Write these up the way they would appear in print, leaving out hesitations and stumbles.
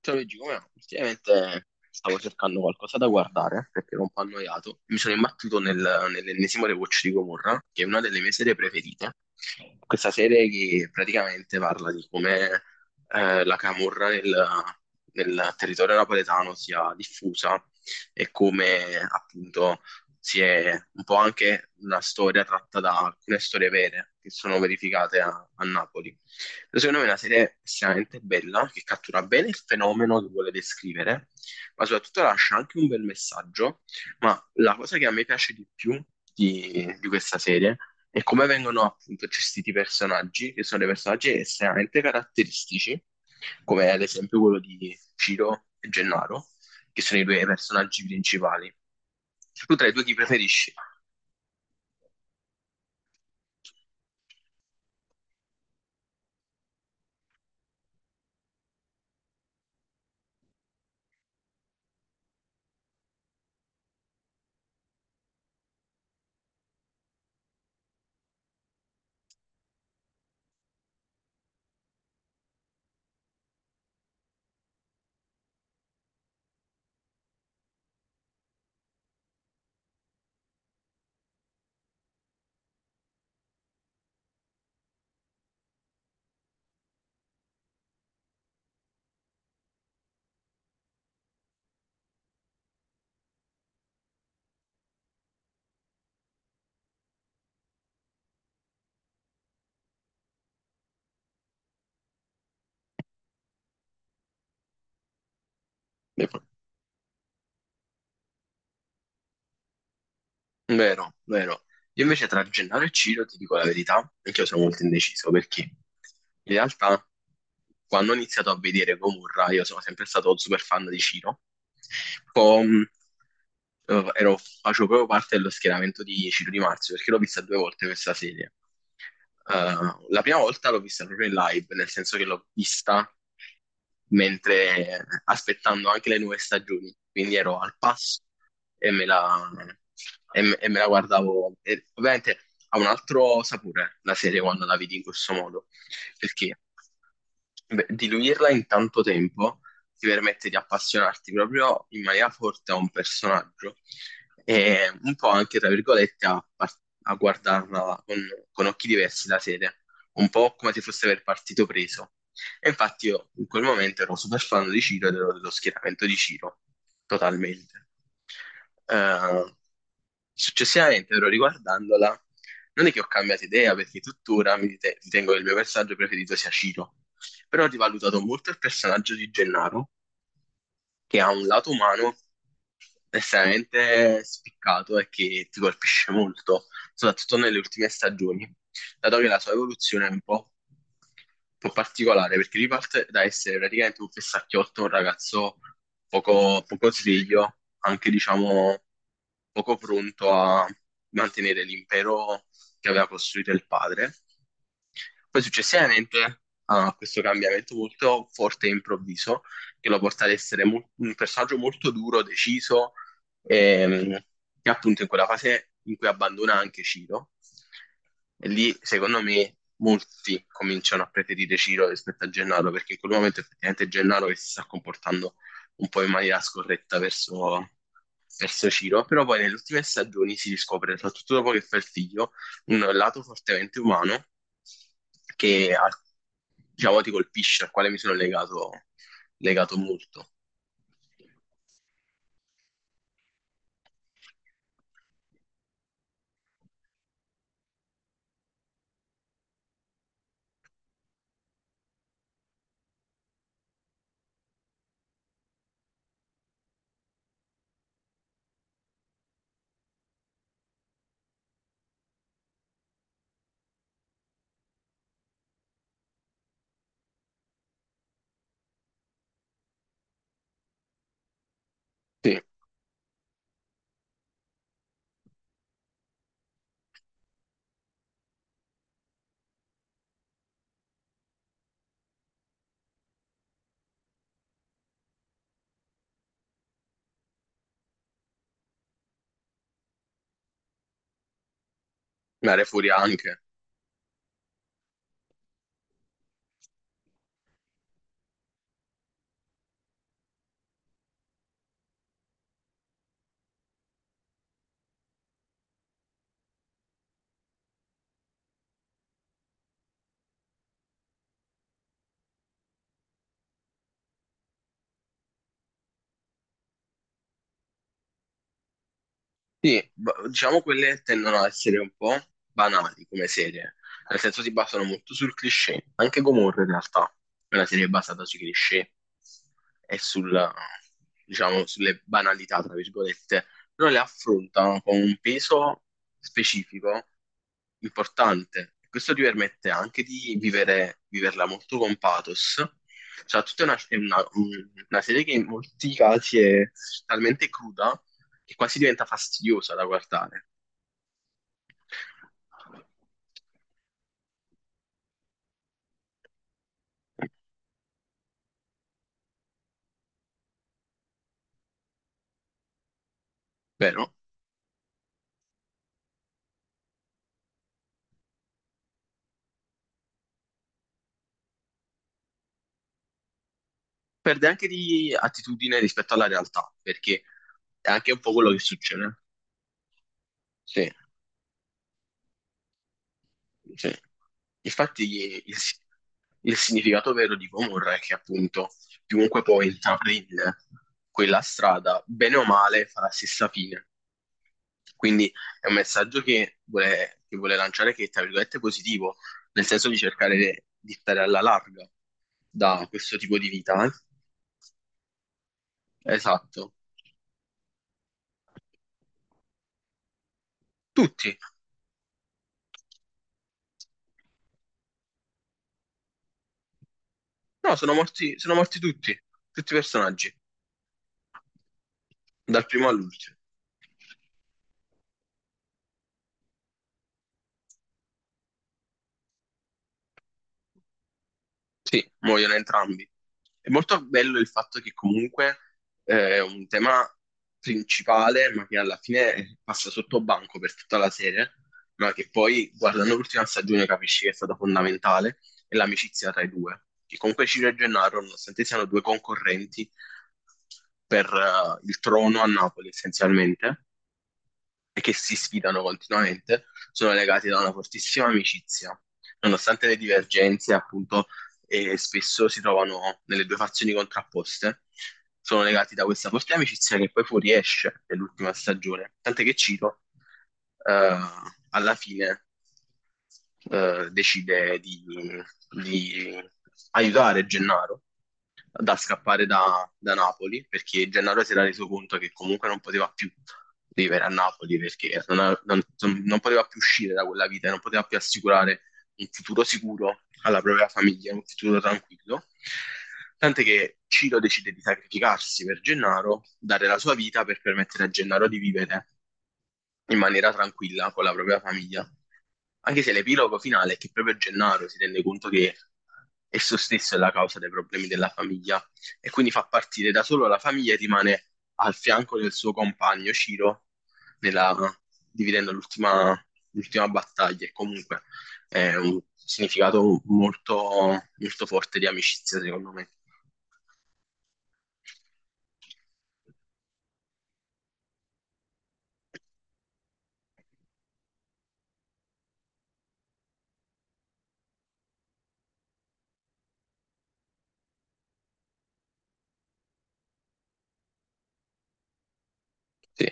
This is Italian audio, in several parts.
Ciao Luigi, come va? Ultimamente stavo cercando qualcosa da guardare perché ero un po' annoiato. Mi sono imbattuto nell'ennesimo rewatch di Gomorra, che è una delle mie serie preferite. Questa serie che praticamente parla di come la camorra nel territorio napoletano sia diffusa e come appunto si è un po' anche una storia tratta da alcune storie vere che sono verificate a Napoli. Secondo me è una serie estremamente bella che cattura bene il fenomeno che vuole descrivere, ma soprattutto lascia anche un bel messaggio. Ma la cosa che a me piace di più di questa serie è come vengono appunto gestiti i personaggi, che sono dei personaggi estremamente caratteristici, come ad esempio quello di Ciro e Gennaro, che sono i due personaggi principali. Tu tra i due chi preferisci? Vero, vero. Io invece tra Gennaro e Ciro ti dico la verità, anche io sono molto indeciso perché in realtà quando ho iniziato a vedere Gomorra io sono sempre stato super fan di Ciro. Poi facevo proprio parte dello schieramento di Ciro Di Marzio perché l'ho vista due volte questa serie. La prima volta l'ho vista proprio in live, nel senso che l'ho vista mentre aspettando anche le nuove stagioni, quindi ero al passo e me la, e me la guardavo. E ovviamente ha un altro sapore la serie quando la vedi in questo modo, perché beh, diluirla in tanto tempo ti permette di appassionarti proprio in maniera forte a un personaggio e un po' anche, tra virgolette, a guardarla con occhi diversi la serie, un po' come se fosse per partito preso. E infatti io in quel momento ero super fan di Ciro ed ero dello schieramento di Ciro, totalmente. Eh, Successivamente, però riguardandola, non è che ho cambiato idea perché tuttora ritengo che il mio personaggio preferito sia Ciro, però ho rivalutato molto il personaggio di Gennaro che ha un lato umano estremamente spiccato e che ti colpisce molto, soprattutto nelle ultime stagioni, dato che la sua evoluzione è un po' particolare, perché riparte da essere praticamente un fessacchiotto, un ragazzo poco sveglio, anche diciamo poco pronto a mantenere l'impero che aveva costruito il padre. Poi successivamente a questo cambiamento molto forte e improvviso, che lo porta ad essere un personaggio molto duro, deciso, ehm, che appunto in quella fase in cui abbandona anche Ciro. E lì, secondo me, molti cominciano a preferire Ciro rispetto a Gennaro, perché in quel momento effettivamente Gennaro che si sta comportando un po' in maniera scorretta verso Ciro, però poi nelle ultime stagioni si riscopre, soprattutto dopo che fa il figlio, un lato fortemente umano che, al- diciamo, ti colpisce, al quale mi sono legato molto. Sì, Mare Furia anche. Sì, diciamo quelle tendono ad essere un po' banali come serie, nel senso si basano molto sul cliché, anche Gomorra in realtà è una serie basata sui cliché e sul, diciamo, sulle banalità, tra virgolette, però le affrontano con un peso specifico importante. Questo ti permette anche di viverla molto con pathos, cioè, tutta una, è una serie che in molti casi è talmente cruda che quasi diventa fastidiosa da guardare, vero? Perde anche di attitudine rispetto alla realtà, perché è anche un po' quello che succede. Sì. Sì. Infatti il, il significato vero di Gomorra è che appunto chiunque poi intraprende quella strada, bene o male, fa la stessa fine. Quindi è un messaggio che vuole lanciare che è, tra virgolette, positivo, nel senso di cercare di stare alla larga da questo tipo di vita, Esatto. Tutti. No, sono sono morti tutti, tutti i personaggi, dal primo all'ultimo. Sì, muoiono entrambi. È molto bello il fatto che comunque è un tema principale, ma che alla fine passa sotto banco per tutta la serie, ma che poi guardando l'ultima stagione capisci che è stata fondamentale, è l'amicizia tra i due. Che comunque Ciro e Gennaro, nonostante siano due concorrenti per il trono a Napoli essenzialmente, e che si sfidano continuamente, sono legati da una fortissima amicizia, nonostante le divergenze, appunto, e spesso si trovano nelle due fazioni contrapposte. Sono legati da questa forte amicizia che poi fuoriesce nell'ultima stagione. Tant'è che Ciro, eh, alla fine, decide di aiutare Gennaro da scappare da Napoli, perché Gennaro si era reso conto che comunque non poteva più vivere a Napoli perché non poteva più uscire da quella vita, non poteva più assicurare un futuro sicuro alla propria famiglia, un futuro tranquillo. Tant'è che Ciro decide di sacrificarsi per Gennaro, dare la sua vita per permettere a Gennaro di vivere in maniera tranquilla con la propria famiglia. Anche se l'epilogo finale è che proprio Gennaro si rende conto che esso stesso è la causa dei problemi della famiglia e quindi fa partire da solo la famiglia e rimane al fianco del suo compagno Ciro nella- dividendo l'ultima battaglia. E comunque è un significato molto forte di amicizia, secondo me. Sì.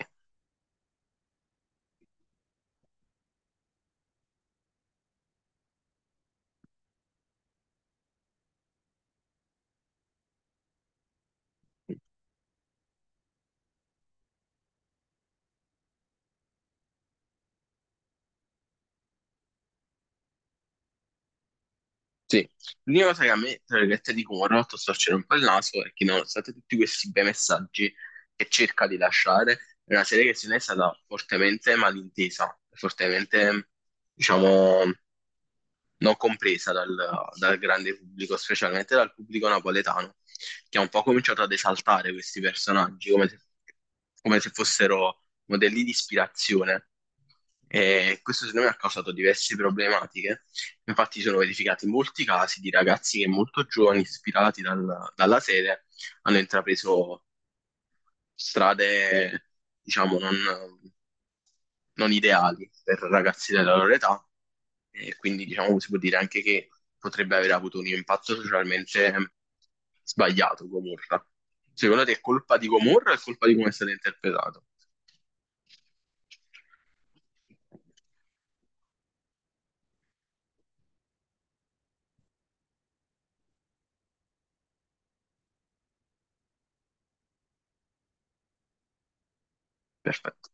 Sì, l'unica cosa che a me, tra virgolette, di cui mi ha fatto storcere un po' il naso è che nonostante tutti questi bei messaggi che cerca di lasciare, è una serie che se ne è stata fortemente malintesa, fortemente, diciamo, non compresa dal grande pubblico, specialmente dal pubblico napoletano, che ha un po' cominciato ad esaltare questi personaggi come se fossero modelli di ispirazione. E questo secondo me ha causato diverse problematiche. Infatti, sono verificati molti casi di ragazzi che molto giovani, ispirati dalla serie, hanno intrapreso strade, diciamo, non ideali per ragazzi della loro età e quindi, diciamo, si può dire anche che potrebbe aver avuto un impatto socialmente sbagliato Gomorra. Secondo te è colpa di Gomorra o è colpa di come è stato interpretato? Perfetto.